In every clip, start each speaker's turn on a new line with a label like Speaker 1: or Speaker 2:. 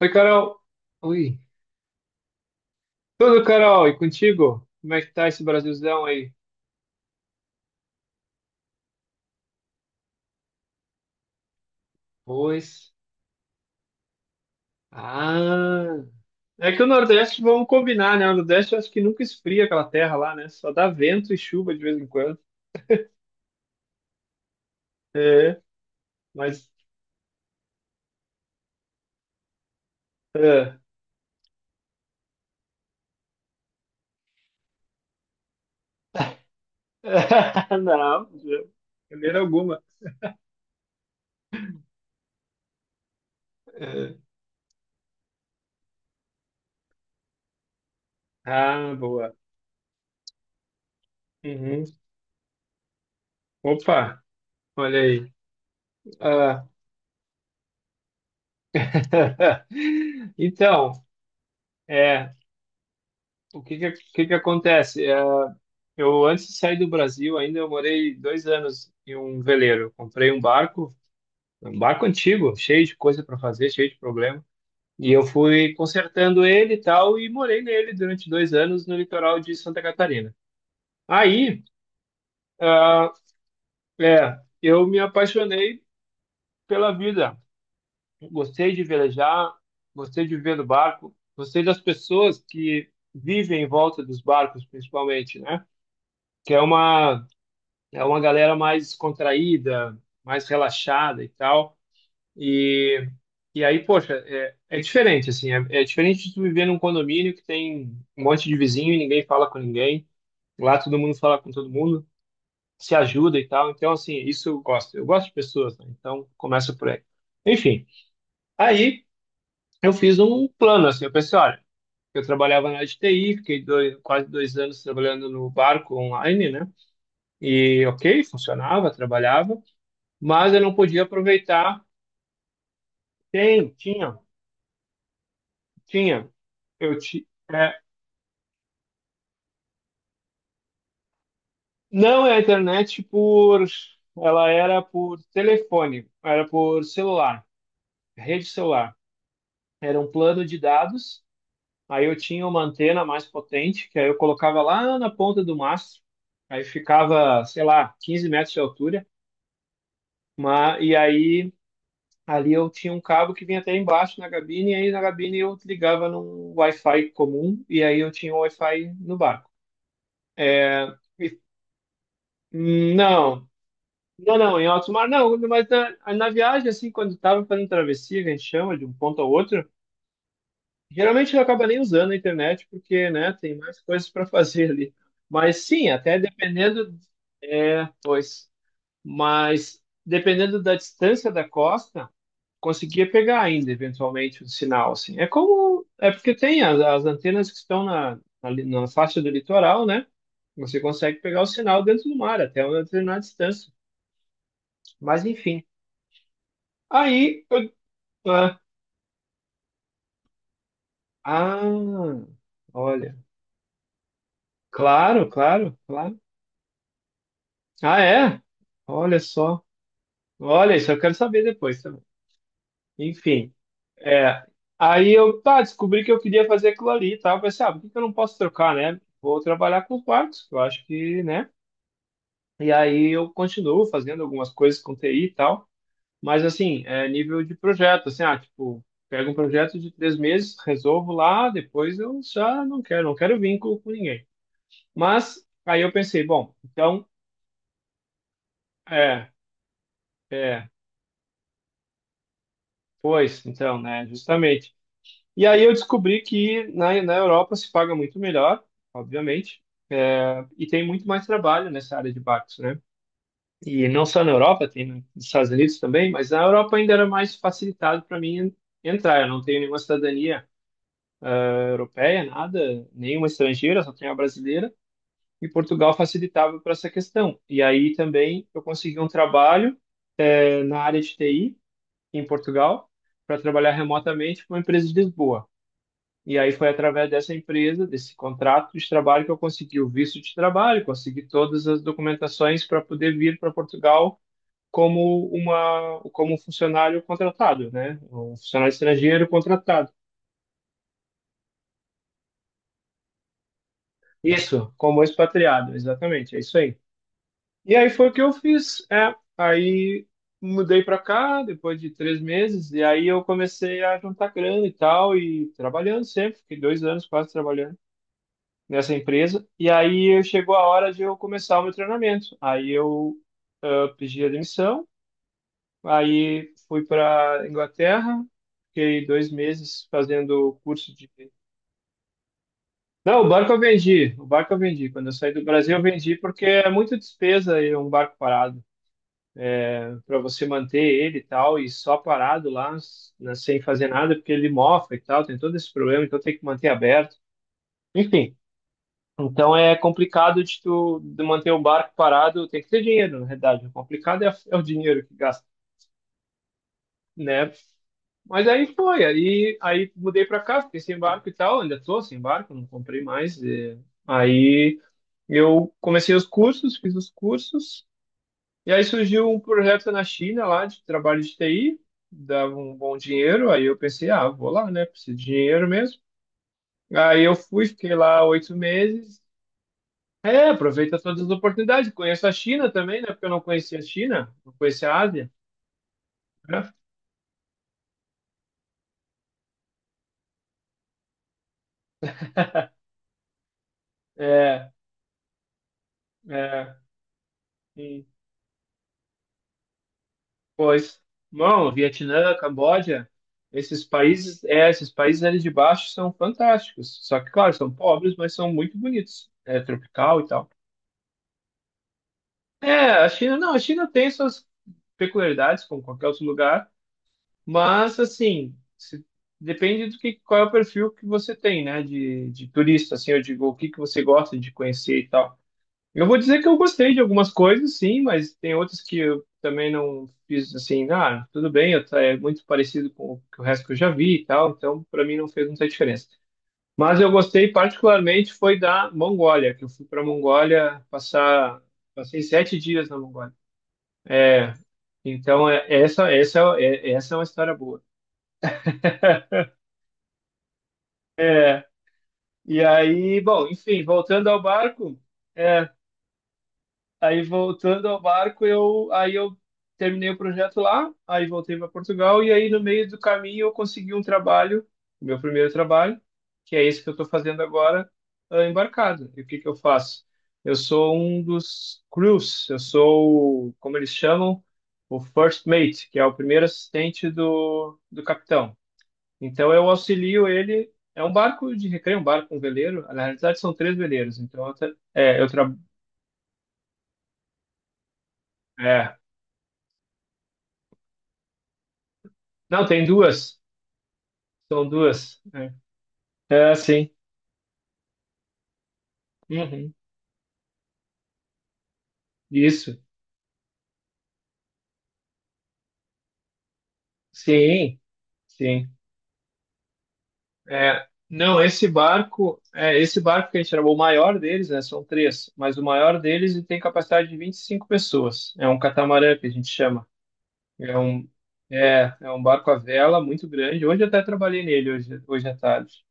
Speaker 1: Oi, Carol. Oi. Tudo, Carol? E contigo? Como é que tá esse Brasilzão aí? Pois. Ah. É que o Nordeste, vamos combinar, né? O Nordeste eu acho que nunca esfria aquela terra lá, né? Só dá vento e chuva de vez em quando. É, mas, é. Não, de maneira alguma. É. Ah, boa. Uhum. Opa, olha aí. Ah. Então, é, o que que acontece? É, eu, antes de sair do Brasil, ainda eu morei 2 anos em um veleiro. Comprei um barco antigo, cheio de coisa para fazer, cheio de problema. E eu fui consertando ele e tal, e morei nele durante 2 anos no litoral de Santa Catarina. Aí, ah, eu me apaixonei pela vida. Gostei de velejar, gostei de viver no barco, gostei das pessoas que vivem em volta dos barcos, principalmente, né? Que é uma É uma galera mais contraída, mais relaxada e tal. E, e aí, poxa, é diferente, assim. É diferente de tu viver num condomínio que tem um monte de vizinho e ninguém fala com ninguém. Lá todo mundo fala com todo mundo, se ajuda e tal. Então, assim, isso eu gosto. Eu gosto de pessoas, né? Então, começa por aí. Enfim, aí eu fiz um plano, assim. Eu pensei, olha, eu trabalhava na área de TI, fiquei quase 2 anos trabalhando no barco online, né? E ok, funcionava, trabalhava, mas eu não podia aproveitar. Tem, tinha, tinha. Eu ti, é, não é a internet por, ela era por telefone, era por celular, rede celular. Era um plano de dados. Aí eu tinha uma antena mais potente, que aí eu colocava lá na ponta do mastro. Aí ficava, sei lá, 15 metros de altura. Mas, e aí ali eu tinha um cabo que vinha até embaixo na cabine, e aí na cabine eu ligava num Wi-Fi comum, e aí eu tinha um Wi-Fi no bar. E- Não, não, não, em alto mar não, mas na, na viagem, assim, quando estava fazendo travessia, que a gente chama de um ponto ao outro, geralmente não acaba nem usando a internet, porque, né, tem mais coisas para fazer ali. Mas sim, até dependendo, é, pois, mas dependendo da distância da costa, conseguia pegar ainda, eventualmente, o sinal, assim. É como, é porque tem as, as antenas que estão na, na, na faixa do litoral, né, você consegue pegar o sinal dentro do mar, até uma determinada distância. Mas enfim. Aí eu. Ah, ah, olha. Claro, claro, claro. Ah, é? Olha só. Olha, isso eu quero saber depois também. Enfim, é. Aí eu, tá, descobri que eu queria fazer aquilo ali e tal. Eu pensei, ah, por que que eu não posso trocar, né? Vou trabalhar com quartos, eu acho que, né? E aí eu continuo fazendo algumas coisas com TI e tal. Mas assim, é nível de projeto, assim, ah, tipo, pego um projeto de 3 meses, resolvo lá, depois eu já não quero, não quero vínculo com ninguém. Mas aí eu pensei, bom, então, é, é, pois, então, né, justamente. E aí eu descobri que na, na Europa se paga muito melhor, obviamente, é, e tem muito mais trabalho nessa área de barcos, né? E não só na Europa, tem nos Estados Unidos também, mas na Europa ainda era mais facilitado para mim entrar. Eu não tenho nenhuma cidadania europeia, nada, nenhuma estrangeira, só tem a brasileira, e Portugal facilitava para essa questão. E aí também eu consegui um trabalho na área de TI em Portugal para trabalhar remotamente com uma empresa de Lisboa. E aí foi através dessa empresa, desse contrato de trabalho que eu consegui o visto de trabalho, consegui todas as documentações para poder vir para Portugal como um funcionário contratado, né? Um funcionário estrangeiro contratado. Isso, como expatriado, exatamente, é isso aí. E aí foi o que eu fiz. É, aí mudei para cá depois de 3 meses e aí eu comecei a juntar grana e tal e trabalhando sempre. Fiquei 2 anos quase trabalhando nessa empresa. E aí chegou a hora de eu começar o meu treinamento. Aí eu, ah, pedi a demissão. Aí fui para Inglaterra. Fiquei 2 meses fazendo curso de não, o barco eu vendi. O barco eu vendi. Quando eu saí do Brasil, eu vendi porque é muita despesa e um barco parado, para você manter ele e tal, e só parado lá, né, sem fazer nada, porque ele mofa e tal, tem todo esse problema, então tem que manter aberto. Enfim, então é complicado de tu de manter o barco parado, tem que ter dinheiro, na verdade. O complicado é o dinheiro que gasta, né? Mas aí foi, aí, aí mudei para cá, fiquei sem barco e tal, ainda tô sem barco, não comprei mais. Aí eu comecei os cursos, fiz os cursos. E aí surgiu um projeto na China lá de trabalho de TI, dava um bom dinheiro, aí eu pensei, ah, vou lá, né? Preciso de dinheiro mesmo. Aí eu fui, fiquei lá 8 meses. É, aproveita todas as oportunidades. Conheço a China também, né? Porque eu não conhecia a China, não conhecia a Ásia, né? É, é. E, pois, bom, Vietnã, Camboja, esses países, é, esses países ali de baixo são fantásticos. Só que, claro, são pobres, mas são muito bonitos. É tropical e tal. É, a China, não, a China tem suas peculiaridades, como qualquer outro lugar, mas assim, depende do que, qual é o perfil que você tem, né, de turista, assim, eu digo, o que que você gosta de conhecer e tal. Eu vou dizer que eu gostei de algumas coisas, sim, mas tem outras que eu também não fiz assim, ah, tudo bem, eu, é muito parecido com o que o resto que eu já vi e tal, então para mim não fez muita diferença. Mas eu gostei particularmente foi da Mongólia, que eu fui para a Mongólia passar, passei 7 dias na Mongólia. É, então, é, essa, essa é uma história boa. É, e aí, bom, enfim, voltando ao barco, é, aí voltando ao barco, eu, aí eu terminei o projeto lá, aí voltei para Portugal, e aí no meio do caminho eu consegui um trabalho, meu primeiro trabalho, que é esse que eu estou fazendo agora, embarcado. E o que que eu faço? Eu sou um dos crews, eu sou, como eles chamam, o first mate, que é o primeiro assistente do, do capitão. Então eu auxilio ele. É um barco de recreio, um barco, um veleiro. Na realidade são três veleiros. Então eu, é. Não, tem duas. São duas. É sim. Uhum. Isso. Sim, sim. É. Não, esse barco, esse barco que a gente chamou o maior deles, né? São três, mas o maior deles ele tem capacidade de 25 pessoas. É um catamarã que a gente chama. É um, é um barco à vela muito grande. Hoje eu até trabalhei nele hoje à tarde.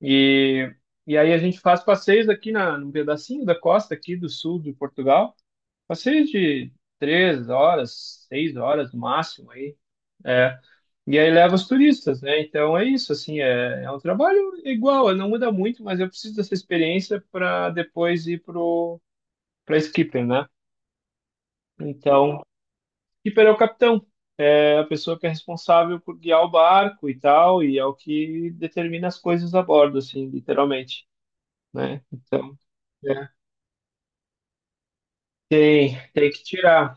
Speaker 1: E, e aí a gente faz passeios aqui num pedacinho da costa aqui do sul de Portugal, passeios de 3 horas, 6 horas no máximo aí, é. E aí leva os turistas, né? Então é isso, assim, é um trabalho igual, não muda muito, mas eu preciso dessa experiência para depois ir pro para skipper, né? Então, skipper é o capitão, é a pessoa que é responsável por guiar o barco e tal, e é o que determina as coisas a bordo, assim, literalmente. Né? Então, é, tem que tirar.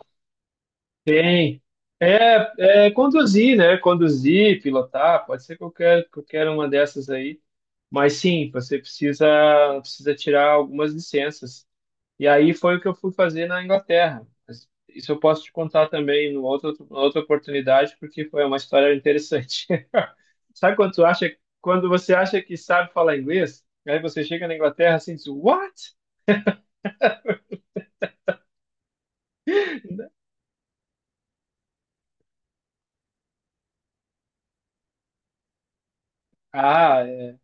Speaker 1: Tem. É conduzir, né? Conduzir, pilotar, pode ser qualquer uma dessas aí. Mas sim, você precisa tirar algumas licenças. E aí foi o que eu fui fazer na Inglaterra. Mas isso eu posso te contar também em outra oportunidade, porque foi uma história interessante. Sabe quando você acha que sabe falar inglês, aí você chega na Inglaterra assim, e diz, what? Ah, é.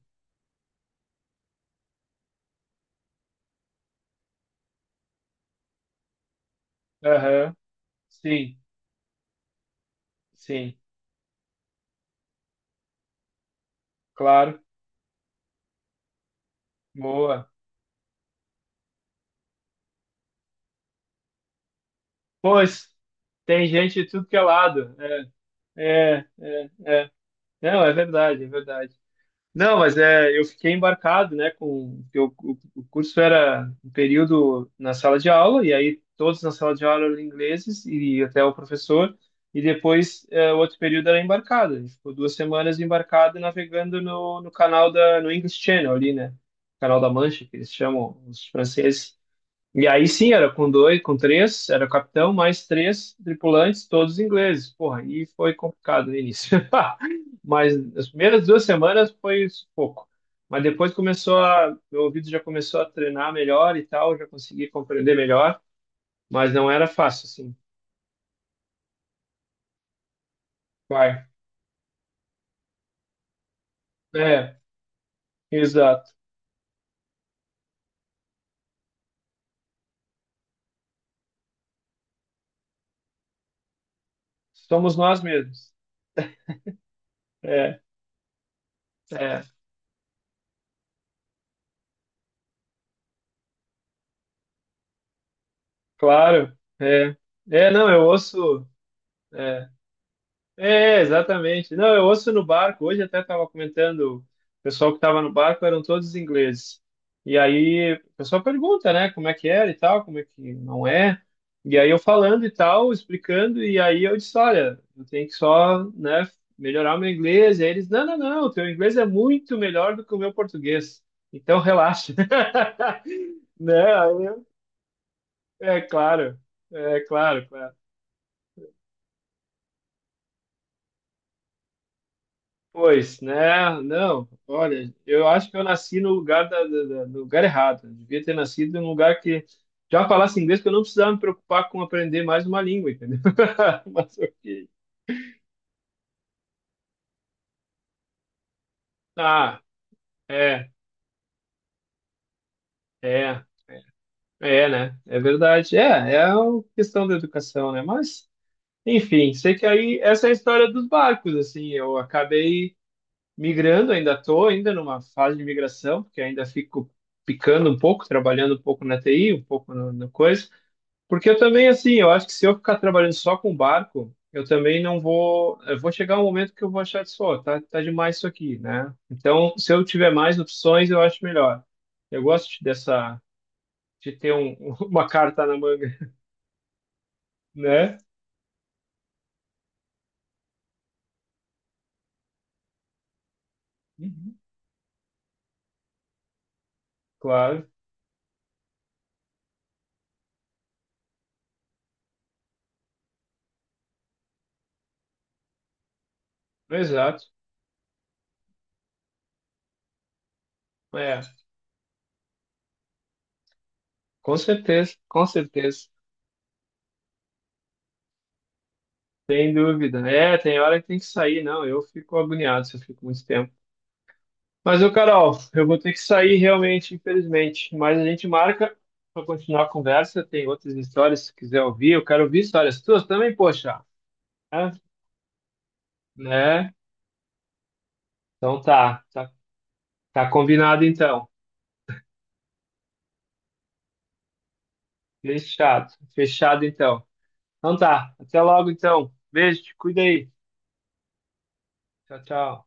Speaker 1: Aham. Sim, sim, claro. Boa. Pois, tem gente de tudo que é lado. É, é, não, é verdade, é verdade. Não, mas é, eu fiquei embarcado, né, o curso era um período na sala de aula e aí todos na sala de aula eram ingleses e até o professor e depois é, o outro período era embarcado. A gente ficou 2 semanas embarcado navegando no, no canal da no English Channel ali, né, canal da Mancha que eles chamam os franceses. E aí sim, era com dois, com três, era o capitão, mais três tripulantes, todos ingleses. Porra, e foi complicado no início. Mas as primeiras 2 semanas foi pouco. Mas depois começou a, meu ouvido já começou a treinar melhor e tal, já consegui compreender melhor, mas não era fácil, assim. Vai. É, exato. Somos nós mesmos. É, é, claro. É, não, eu ouço. é, É, exatamente. Não, eu ouço no barco. Hoje até estava comentando, o pessoal que estava no barco eram todos ingleses. E aí o pessoal pergunta, né, como é que era e tal, como é que não é. E aí eu falando e tal, explicando, e aí eu disse, olha, eu tenho que só, né, melhorar o meu inglês. E aí eles, não, não, não, o teu inglês é muito melhor do que o meu português. Então relaxa. Né? É claro, claro. Pois, né? Não, olha, eu acho que eu nasci no lugar no lugar errado. Eu devia ter nascido em um lugar que já falasse inglês, que eu não precisava me preocupar com aprender mais uma língua, entendeu? Mas ok. Ah, é, é, é, é, né? É verdade. É, é uma questão da educação, né? Mas, enfim, sei que aí essa é a história dos barcos, assim. Eu acabei migrando, ainda tô ainda numa fase de migração, porque ainda fico picando um pouco, trabalhando um pouco na TI, um pouco no, no coisa. Porque eu também, assim, eu acho que se eu ficar trabalhando só com barco, eu também não vou. Eu vou chegar um momento que eu vou achar de, ó, tá, tá demais isso aqui, né? Então, se eu tiver mais opções, eu acho melhor. Eu gosto dessa, de ter uma carta na manga, né? Uhum. Claro, exato. É, com certeza, com certeza. Sem dúvida. É, tem hora que tem que sair, não. Eu fico agoniado se eu fico muito tempo. Mas, ô Carol, eu vou ter que sair realmente, infelizmente. Mas a gente marca para continuar a conversa. Tem outras histórias, se quiser ouvir. Eu quero ouvir histórias tuas também, poxa. É, né? Então tá, tá, tá combinado então. Fechado, fechado então. Então tá, até logo então. Beijo, te cuida aí. Tchau, tchau.